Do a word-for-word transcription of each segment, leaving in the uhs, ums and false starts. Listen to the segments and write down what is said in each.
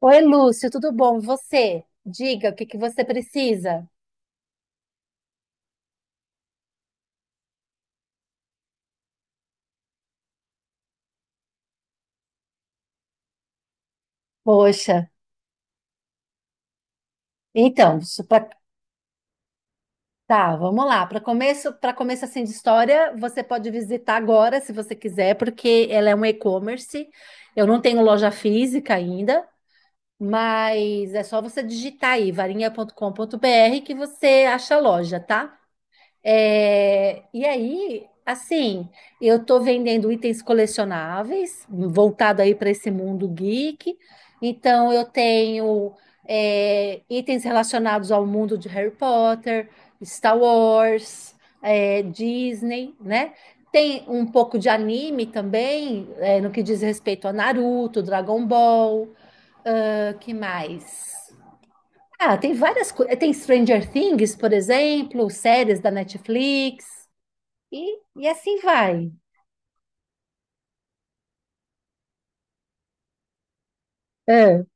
Oi, Lúcio, tudo bom? E Você? Diga o que que você precisa. Poxa, então, su- pra- tá, vamos lá. Para começo, para começo assim de história, você pode visitar agora, se você quiser, porque ela é um e-commerce. Eu não tenho loja física ainda, mas é só você digitar aí varinha.com.br que você acha a loja, tá? É, e aí, assim, eu estou vendendo itens colecionáveis, voltado aí para esse mundo geek. Então, eu tenho é, itens relacionados ao mundo de Harry Potter, Star Wars, é, Disney, né? Tem um pouco de anime também, é, no que diz respeito a Naruto, Dragon Ball, ah, que mais? Ah, tem várias coisas. Tem Stranger Things, por exemplo, séries da Netflix, e, e assim vai. É.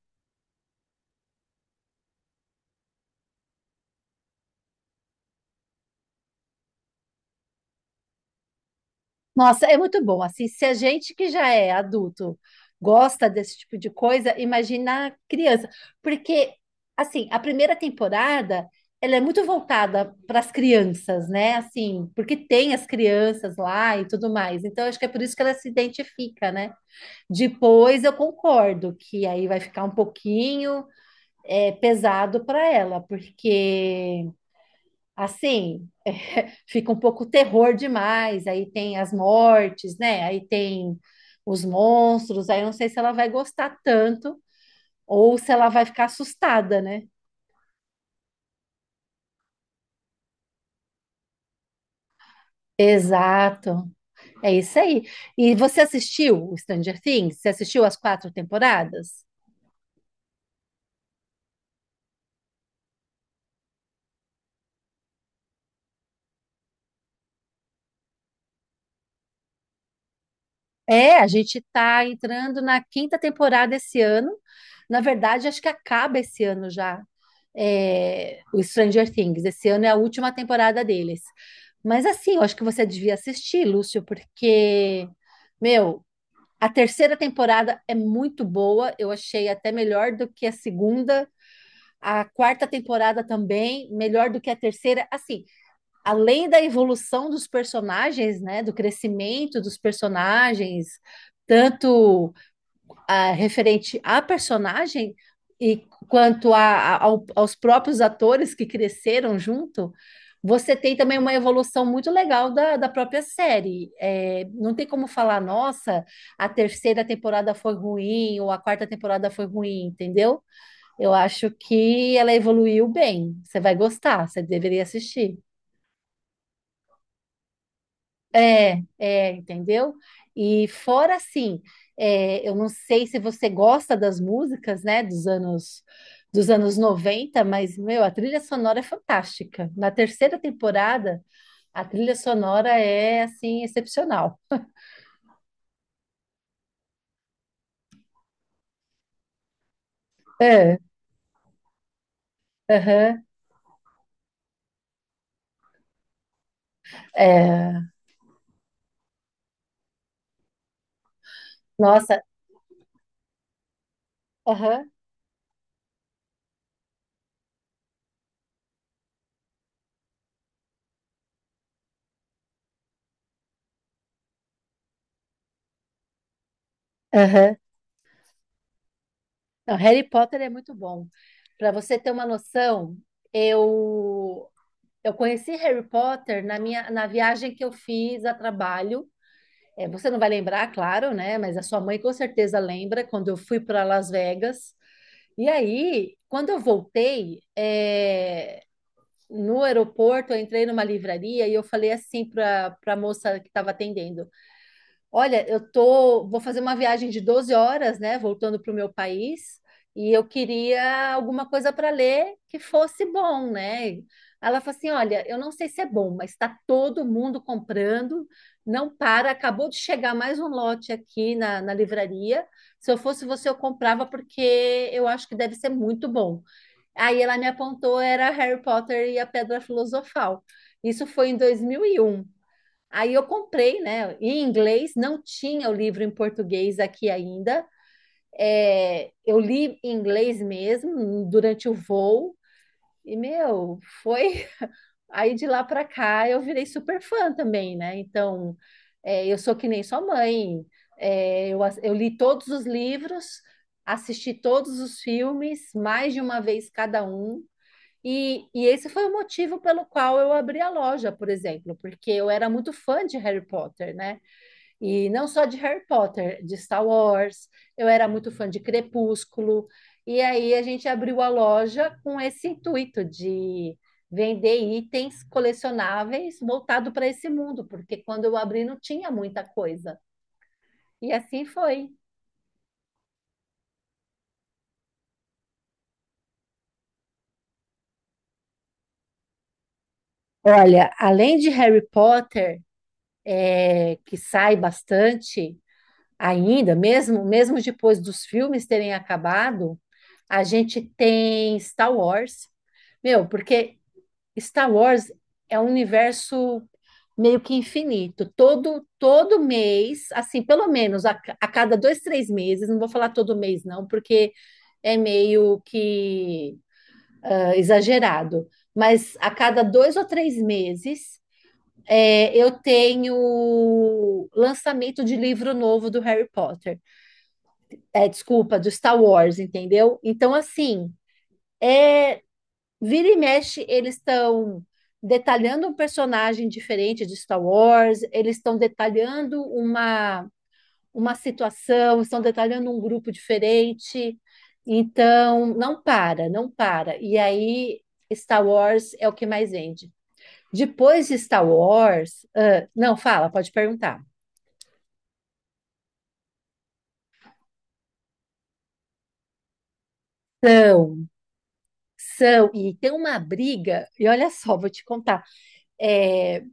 Nossa, é muito bom. Assim, se a gente que já é adulto gosta desse tipo de coisa, imagina a criança. Porque, assim, a primeira temporada, ela é muito voltada para as crianças, né? Assim, porque tem as crianças lá e tudo mais. Então, acho que é por isso que ela se identifica, né? Depois eu concordo que aí vai ficar um pouquinho. é, pesado para ela, porque assim fica um pouco terror demais. Aí tem as mortes, né? Aí tem os monstros. Aí eu não sei se ela vai gostar tanto ou se ela vai ficar assustada, né? Exato, é isso aí. E você assistiu o Stranger Things? Você assistiu as quatro temporadas? É, a gente está entrando na quinta temporada esse ano. Na verdade, acho que acaba esse ano já, é, o Stranger Things. Esse ano é a última temporada deles. Mas assim, eu acho que você devia assistir, Lúcio, porque, meu, a terceira temporada é muito boa. Eu achei até melhor do que a segunda. A quarta temporada também, melhor do que a terceira. Assim, além da evolução dos personagens, né, do crescimento dos personagens, tanto ah, referente à personagem e quanto a, a- ao- aos próprios atores que cresceram junto, você tem também uma evolução muito legal da, da própria série. É, não tem como falar, nossa, a terceira temporada foi ruim ou a quarta temporada foi ruim, entendeu? Eu acho que ela evoluiu bem. Você vai gostar, você deveria assistir. É, é, entendeu? E fora assim, é, eu não sei se você gosta das músicas, né, dos anos dos anos noventa, mas meu, a trilha sonora é fantástica. Na terceira temporada, a trilha sonora é assim excepcional. É, aham, é, nossa, aham, aham. Não, Harry Potter é muito bom. Para você ter uma noção, eu eu conheci Harry Potter na minha na viagem que eu fiz a trabalho. É, você não vai lembrar, claro, né? Mas a sua mãe com certeza lembra quando eu fui para Las Vegas. E aí, quando eu voltei, é, no aeroporto, eu entrei numa livraria e eu falei assim para para a moça que estava atendendo: Olha, eu tô, vou fazer uma viagem de doze horas, né, voltando para o meu país, e eu queria alguma coisa para ler que fosse bom, né? Ela falou assim: Olha, eu não sei se é bom, mas está todo mundo comprando, não para. Acabou de chegar mais um lote aqui na, na livraria. Se eu fosse você, eu comprava, porque eu acho que deve ser muito bom. Aí ela me apontou: era Harry Potter e a Pedra Filosofal. Isso foi em dois mil e um. Aí eu comprei, né? Em inglês, não tinha o livro em português aqui ainda. É, eu li em inglês mesmo durante o voo. E, meu, foi. Aí de lá para cá eu virei super fã também, né? Então, é, eu sou que nem sua mãe. É, eu, ass- eu li todos os livros, assisti todos os filmes, mais de uma vez cada um. E, e esse foi o motivo pelo qual eu abri a loja, por exemplo, porque eu era muito fã de Harry Potter, né? E não só de Harry Potter, de Star Wars, eu era muito fã de Crepúsculo. E aí a gente abriu a loja com esse intuito de vender itens colecionáveis voltado para esse mundo, porque quando eu abri não tinha muita coisa. E assim foi. Olha, além de Harry Potter, é, que sai bastante ainda, mesmo, mesmo depois dos filmes terem acabado, a gente tem Star Wars. Meu, porque Star Wars é um universo meio que infinito. Todo, todo mês, assim, pelo menos a, a cada dois, três meses, não vou falar todo mês, não, porque é meio que ah, exagerado. Mas a cada dois ou três meses, é, eu tenho lançamento de livro novo do Harry Potter. É, desculpa, do Star Wars, entendeu? Então, assim. É, Vira e mexe, eles estão detalhando um personagem diferente de Star Wars, eles estão detalhando uma, uma situação, estão detalhando um grupo diferente. Então, não para, não para. E aí, Star Wars é o que mais vende. Depois de Star Wars, ah, não, fala, pode perguntar. São, são, e tem uma briga, e olha só, vou te contar. É,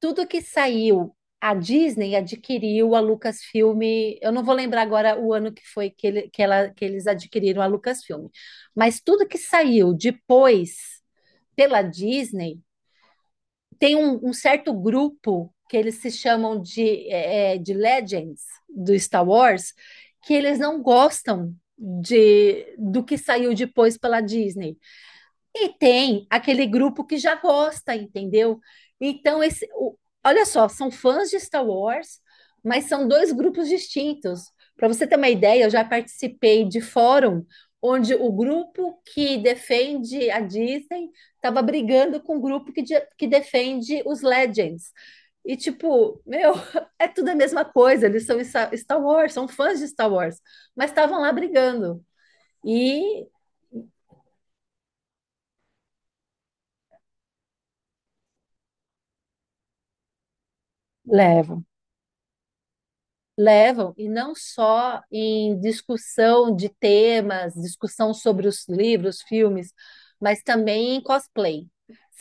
Tudo que saiu, a Disney adquiriu a Lucasfilm. Eu não vou lembrar agora o ano que foi que, ele- que ela- que eles adquiriram a Lucasfilm, mas tudo que saiu depois pela Disney tem um, um certo grupo que eles se chamam de, eh, de Legends do Star Wars, que eles não gostam de do que saiu depois pela Disney. E tem aquele grupo que já gosta, entendeu? Então, esse, o- olha só, são fãs de Star Wars, mas são dois grupos distintos. Para você ter uma ideia, eu já participei de fórum onde o grupo que defende a Disney estava brigando com o grupo que, de- que defende os Legends. E tipo, meu, é tudo a mesma coisa, eles são Star Star Wars, são fãs de Star Wars, mas estavam lá brigando. E Levo. Levam, e não só em discussão de temas, discussão sobre os livros, filmes, mas também em cosplay.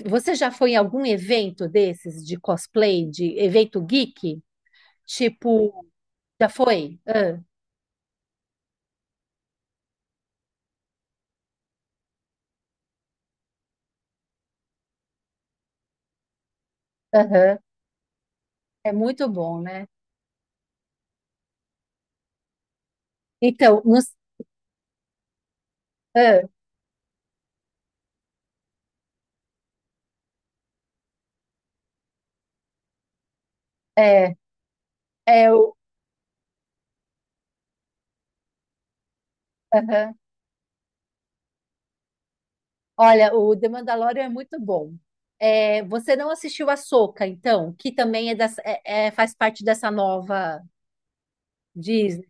Você já foi em algum evento desses de cosplay, de evento geek? Tipo, já foi? Ah, aham. É muito bom, né? Então, nos, ah, é, é o. Aham. Olha, o The Mandalorian é muito bom. É, você não assistiu a Ahsoka, então, que também é, dessa- é- é- faz parte dessa nova Disney.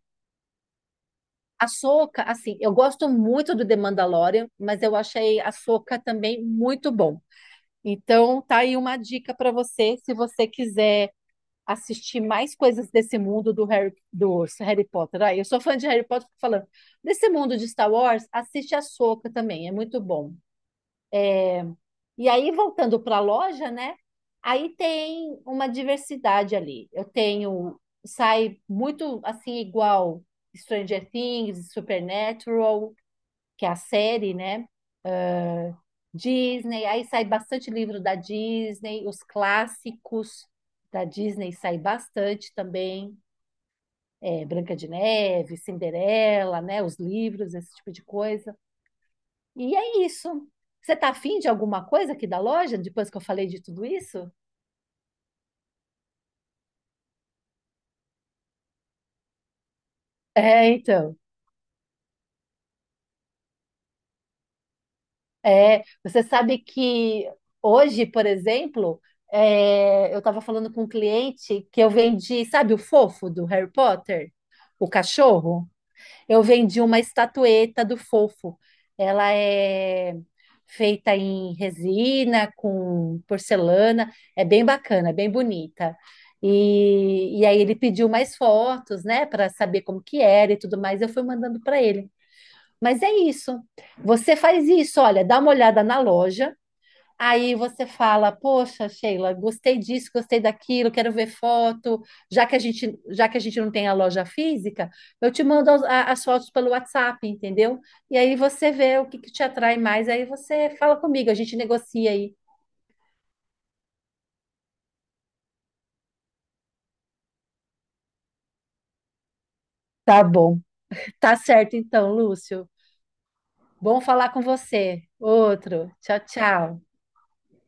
A Soca, assim, eu gosto muito do The Mandalorian, mas eu achei a Soca também muito bom. Então, tá aí uma dica para você, se você quiser assistir mais coisas desse mundo do Harry, do Harry Potter. Ah, eu sou fã de Harry Potter, fico falando. Desse mundo de Star Wars, assiste a Soca também, é muito bom. E aí, voltando para a loja, né? Aí tem uma diversidade ali. Eu tenho, sai muito assim, igual Stranger Things, Supernatural, que é a série, né? Disney, aí sai bastante livro da Disney, os clássicos da Disney sai bastante também, é, Branca de Neve, Cinderela, né? Os livros, esse tipo de coisa. E é isso. Você tá afim de alguma coisa aqui da loja, depois que eu falei de tudo isso? É, então. É, você sabe que hoje, por exemplo, é, eu estava falando com um cliente que eu vendi, sabe o fofo do Harry Potter? O cachorro? Eu vendi uma estatueta do Fofo. Ela é feita em resina, com porcelana, é bem bacana, bem bonita. E, e aí ele pediu mais fotos, né, para saber como que era e tudo mais. Eu fui mandando para ele. Mas é isso. Você faz isso, olha, dá uma olhada na loja. Aí você fala, poxa, Sheila, gostei disso, gostei daquilo, quero ver foto. Já que a gente, já que a gente não tem a loja física, eu te mando as, a- as fotos pelo WhatsApp, entendeu? E aí você vê o que, que te atrai mais, aí você fala comigo, a gente negocia aí. Tá bom. Tá certo então, Lúcio. Bom falar com você. Outro. Tchau, tchau.